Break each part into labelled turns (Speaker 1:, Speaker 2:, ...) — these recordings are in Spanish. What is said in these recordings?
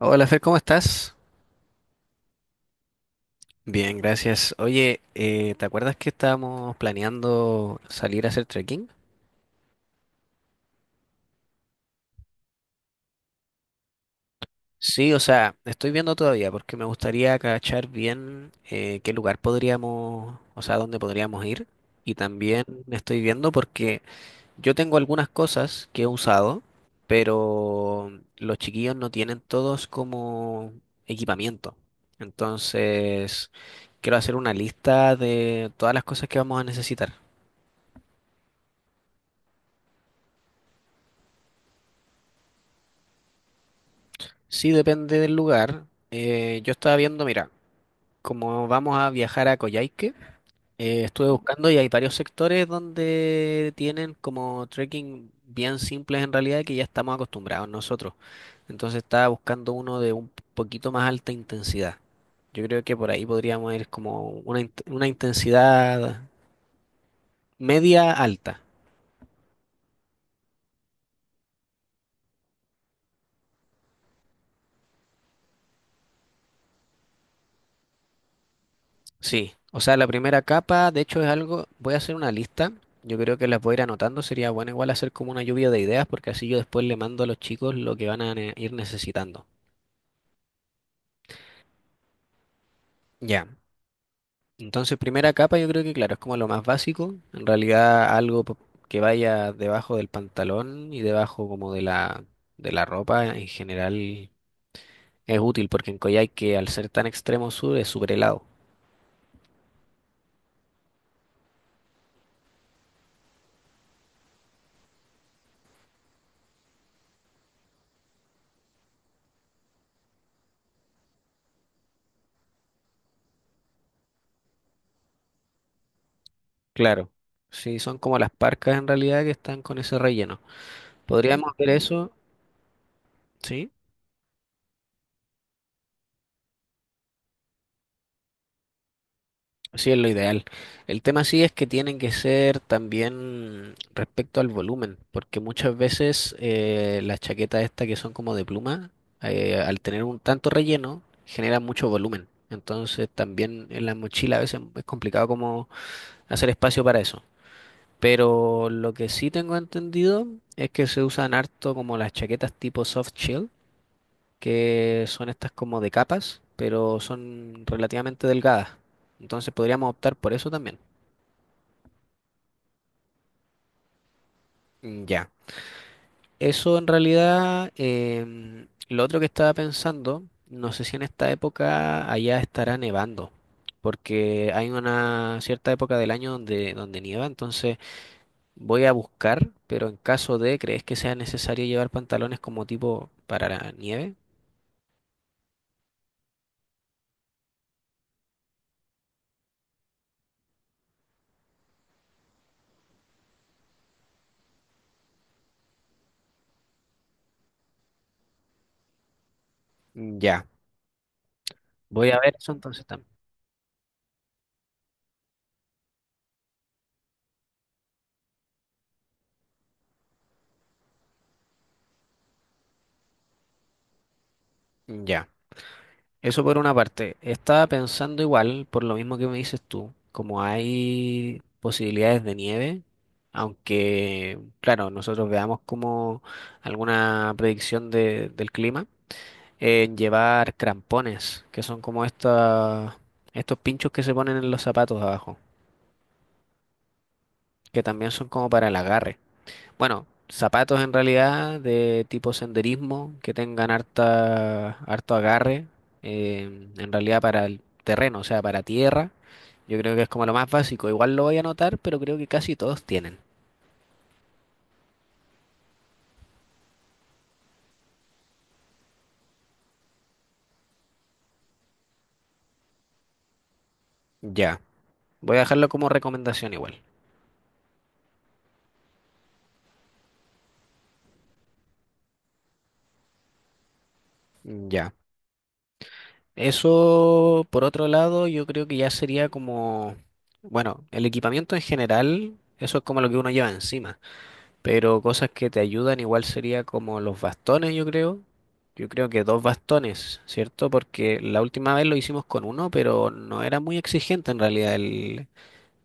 Speaker 1: Hola Fer, ¿cómo estás? Bien, gracias. Oye, ¿te acuerdas que estábamos planeando salir a hacer trekking? Sí, o sea, estoy viendo todavía porque me gustaría cachar bien qué lugar podríamos, o sea, dónde podríamos ir. Y también estoy viendo porque yo tengo algunas cosas que he usado, pero los chiquillos no tienen todos como equipamiento. Entonces, quiero hacer una lista de todas las cosas que vamos a necesitar. Sí, depende del lugar. Yo estaba viendo, mira, como vamos a viajar a Coyhaique, estuve buscando y hay varios sectores donde tienen como trekking bien simples en realidad que ya estamos acostumbrados nosotros. Entonces estaba buscando uno de un poquito más alta intensidad. Yo creo que por ahí podríamos ir como una intensidad media alta. Sí, o sea, la primera capa, de hecho, es algo, voy a hacer una lista, yo creo que las voy a ir anotando, sería bueno igual hacer como una lluvia de ideas, porque así yo después le mando a los chicos lo que van a ir necesitando. Ya, entonces primera capa yo creo que claro, es como lo más básico, en realidad algo que vaya debajo del pantalón y debajo como de la ropa en general es útil, porque en Coyhaique al ser tan extremo sur es súper helado. Claro, sí, son como las parcas en realidad que están con ese relleno. Podríamos ver eso. Sí, sí es lo ideal. El tema sí es que tienen que ser también respecto al volumen, porque muchas veces las chaquetas estas que son como de pluma, al tener un tanto relleno, generan mucho volumen. Entonces también en la mochila a veces es complicado como hacer espacio para eso. Pero lo que sí tengo entendido es que se usan harto como las chaquetas tipo soft shell, que son estas como de capas, pero son relativamente delgadas. Entonces podríamos optar por eso también. Mm, ya. Eso en realidad, lo otro que estaba pensando, no sé si en esta época allá estará nevando, porque hay una cierta época del año donde, donde nieva, entonces voy a buscar, pero en caso de, ¿crees que sea necesario llevar pantalones como tipo para la nieve? Ya. Voy a ver eso entonces también. Ya. Eso por una parte. Estaba pensando igual, por lo mismo que me dices tú, como hay posibilidades de nieve, aunque, claro, nosotros veamos como alguna predicción del clima, en llevar crampones, que son como estos pinchos que se ponen en los zapatos abajo, que también son como para el agarre. Bueno, zapatos en realidad de tipo senderismo que tengan harta, harto agarre, en realidad para el terreno, o sea, para tierra. Yo creo que es como lo más básico. Igual lo voy a anotar, pero creo que casi todos tienen. Ya. Voy a dejarlo como recomendación igual. Ya. Eso, por otro lado, yo creo que ya sería como, bueno, el equipamiento en general, eso es como lo que uno lleva encima. Pero cosas que te ayudan igual sería como los bastones, yo creo. Yo creo que dos bastones, ¿cierto? Porque la última vez lo hicimos con uno, pero no era muy exigente en realidad el,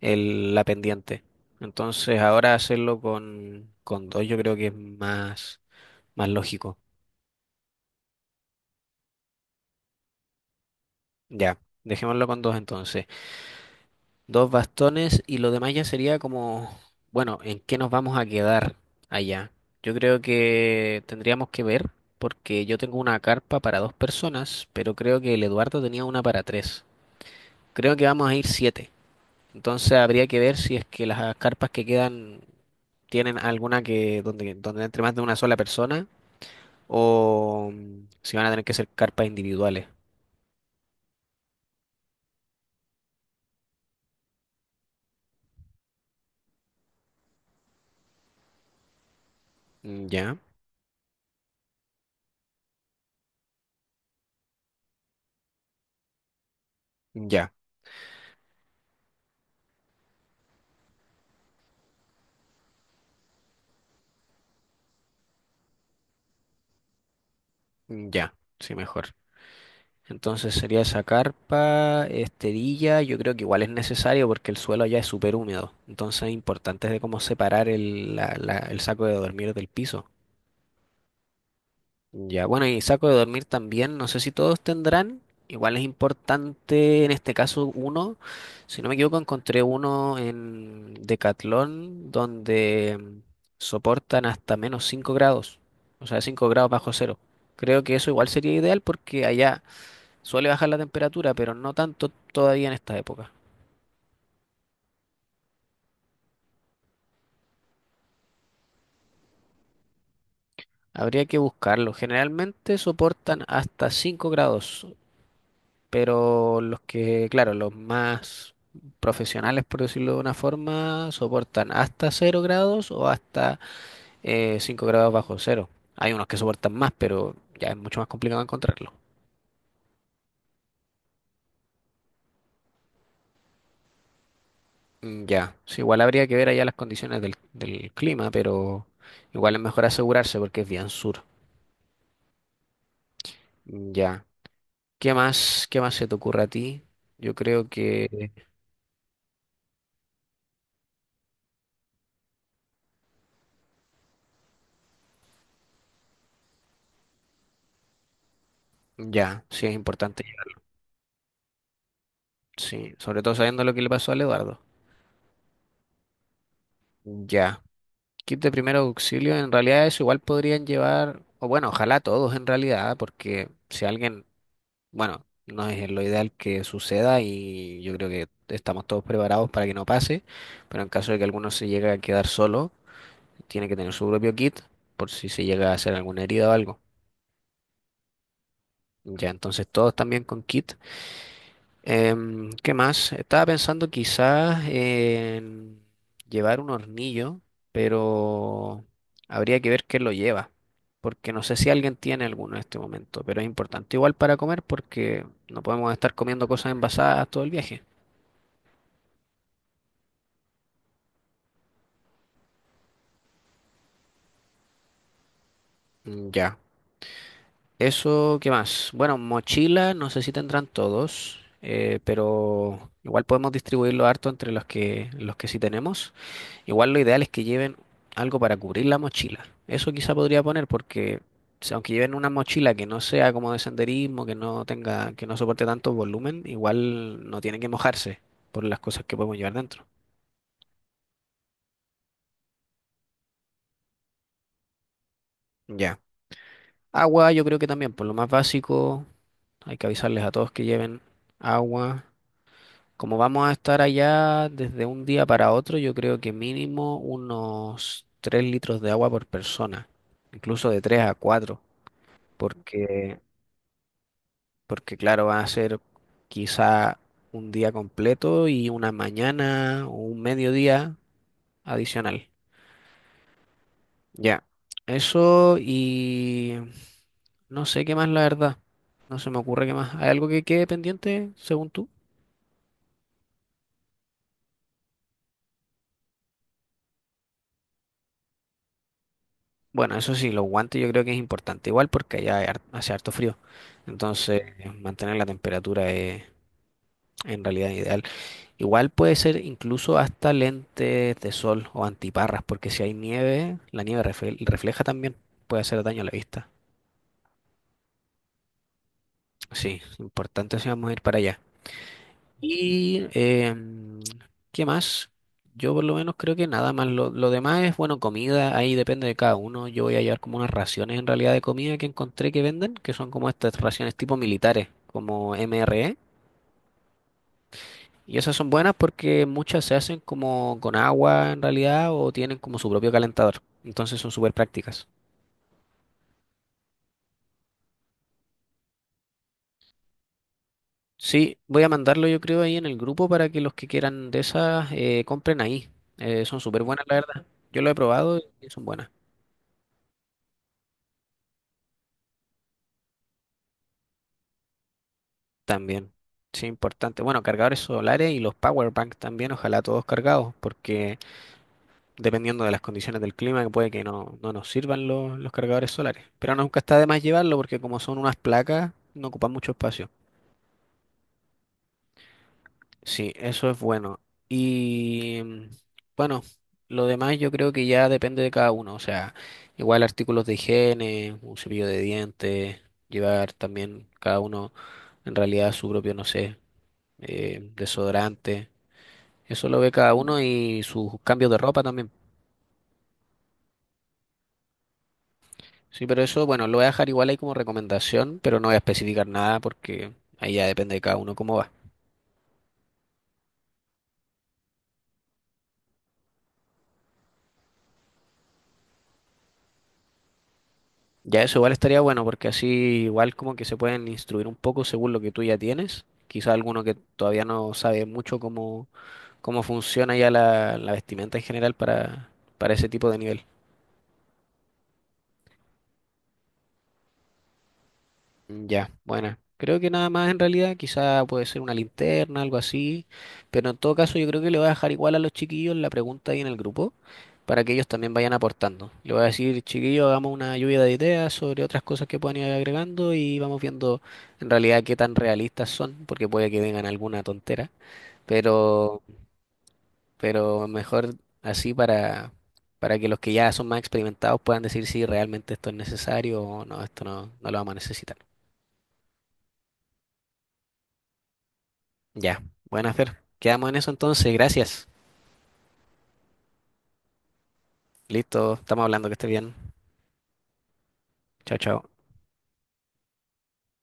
Speaker 1: el- la pendiente. Entonces ahora hacerlo con dos yo creo que es más, más lógico. Ya, dejémoslo con dos entonces. Dos bastones y lo demás ya sería como, bueno, ¿en qué nos vamos a quedar allá? Yo creo que tendríamos que ver, porque yo tengo una carpa para dos personas, pero creo que el Eduardo tenía una para tres. Creo que vamos a ir siete. Entonces habría que ver si es que las carpas que quedan tienen alguna que donde, donde entre más de una sola persona o si van a tener que ser carpas individuales. Mm, ya, ya, mm, ya, sí, mejor. Entonces sería esa carpa, esterilla, yo creo que igual es necesario porque el suelo allá es súper húmedo. Entonces es importante de cómo separar el, el saco de dormir del piso. Ya, bueno, y saco de dormir también, no sé si todos tendrán, igual es importante en este caso uno, si no me equivoco encontré uno en Decathlon donde soportan hasta -5 grados, o sea, -5 grados. Creo que eso igual sería ideal porque allá suele bajar la temperatura, pero no tanto todavía en esta época. Habría que buscarlo. Generalmente soportan hasta 5 grados, pero los que, claro, los más profesionales, por decirlo de una forma, soportan hasta 0 grados o hasta 5 grados bajo cero. Hay unos que soportan más, pero ya es mucho más complicado encontrarlo. Mm, ya, sí, igual habría que ver allá las condiciones del, del clima, pero igual es mejor asegurarse porque es bien sur. Mm, ya. Qué más se te ocurre a ti? Yo creo que ya, sí es importante, sí, sobre todo sabiendo lo que le pasó al Eduardo. Ya. Kit de primer auxilio, en realidad eso igual podrían llevar, o bueno, ojalá todos en realidad, porque si alguien, bueno, no es lo ideal que suceda y yo creo que estamos todos preparados para que no pase, pero en caso de que alguno se llegue a quedar solo, tiene que tener su propio kit por si se llega a hacer alguna herida o algo. Ya, entonces todos también con kit. ¿Qué más? Estaba pensando quizás en llevar un hornillo, pero habría que ver quién lo lleva, porque no sé si alguien tiene alguno en este momento, pero es importante igual para comer porque no podemos estar comiendo cosas envasadas todo el viaje. Mm, ya. Eso, ¿qué más? Bueno, mochila, no sé si tendrán todos, pero igual podemos distribuirlo harto entre los que sí tenemos. Igual lo ideal es que lleven algo para cubrir la mochila. Eso quizá podría poner porque aunque lleven una mochila que no sea como de senderismo, que no tenga, que no soporte tanto volumen, igual no tienen que mojarse por las cosas que podemos llevar dentro. Ya. Agua, yo creo que también, por lo más básico, hay que avisarles a todos que lleven agua. Como vamos a estar allá desde un día para otro, yo creo que mínimo unos 3 litros de agua por persona, incluso de 3 a 4 porque porque claro, van a ser quizá un día completo y una mañana o un mediodía adicional. Ya, eso y no sé qué más, la verdad. No se me ocurre qué más. ¿Hay algo que quede pendiente, según tú? Bueno, eso sí, los guantes yo creo que es importante igual porque allá hace harto frío. Entonces, mantener la temperatura es en realidad ideal. Igual puede ser incluso hasta lentes de sol o antiparras, porque si hay nieve, la refleja también, puede hacer daño a la vista. Sí, importante si vamos a ir para allá. Y, ¿qué más? Yo por lo menos creo que nada más. Lo demás es, bueno, comida, ahí depende de cada uno. Yo voy a llevar como unas raciones en realidad de comida que encontré que venden, que son como estas raciones tipo militares, como MRE. Y esas son buenas porque muchas se hacen como con agua en realidad o tienen como su propio calentador. Entonces son súper prácticas. Sí, voy a mandarlo yo creo ahí en el grupo para que los que quieran de esas compren ahí. Son súper buenas, la verdad. Yo lo he probado y son buenas también. Sí, importante. Bueno, cargadores solares y los power bank también, ojalá todos cargados, porque dependiendo de las condiciones del clima, que puede que no nos sirvan los cargadores solares. Pero nunca está de más llevarlo porque como son unas placas, no ocupan mucho espacio. Sí, eso es bueno. Y bueno, lo demás yo creo que ya depende de cada uno. O sea, igual artículos de higiene, un cepillo de dientes, llevar también cada uno en realidad su propio, no sé, desodorante. Eso lo ve cada uno y sus cambios de ropa también. Sí, pero eso, bueno, lo voy a dejar igual ahí como recomendación, pero no voy a especificar nada porque ahí ya depende de cada uno cómo va. Ya eso igual estaría bueno porque así igual como que se pueden instruir un poco según lo que tú ya tienes. Quizá alguno que todavía no sabe mucho cómo funciona ya la vestimenta en general para ese tipo de nivel. Ya, buena. Creo que nada más en realidad, quizá puede ser una linterna, algo así, pero en todo caso yo creo que le voy a dejar igual a los chiquillos la pregunta ahí en el grupo para que ellos también vayan aportando. Le voy a decir, chiquillos, hagamos una lluvia de ideas sobre otras cosas que puedan ir agregando y vamos viendo en realidad qué tan realistas son, porque puede que vengan alguna tontera, pero, pero mejor así para que los que ya son más experimentados puedan decir si realmente esto es necesario o no, esto no, no lo vamos a necesitar. Ya, buena Fer. Quedamos en eso entonces, gracias. Listo, estamos hablando, que esté bien. Chao, chao.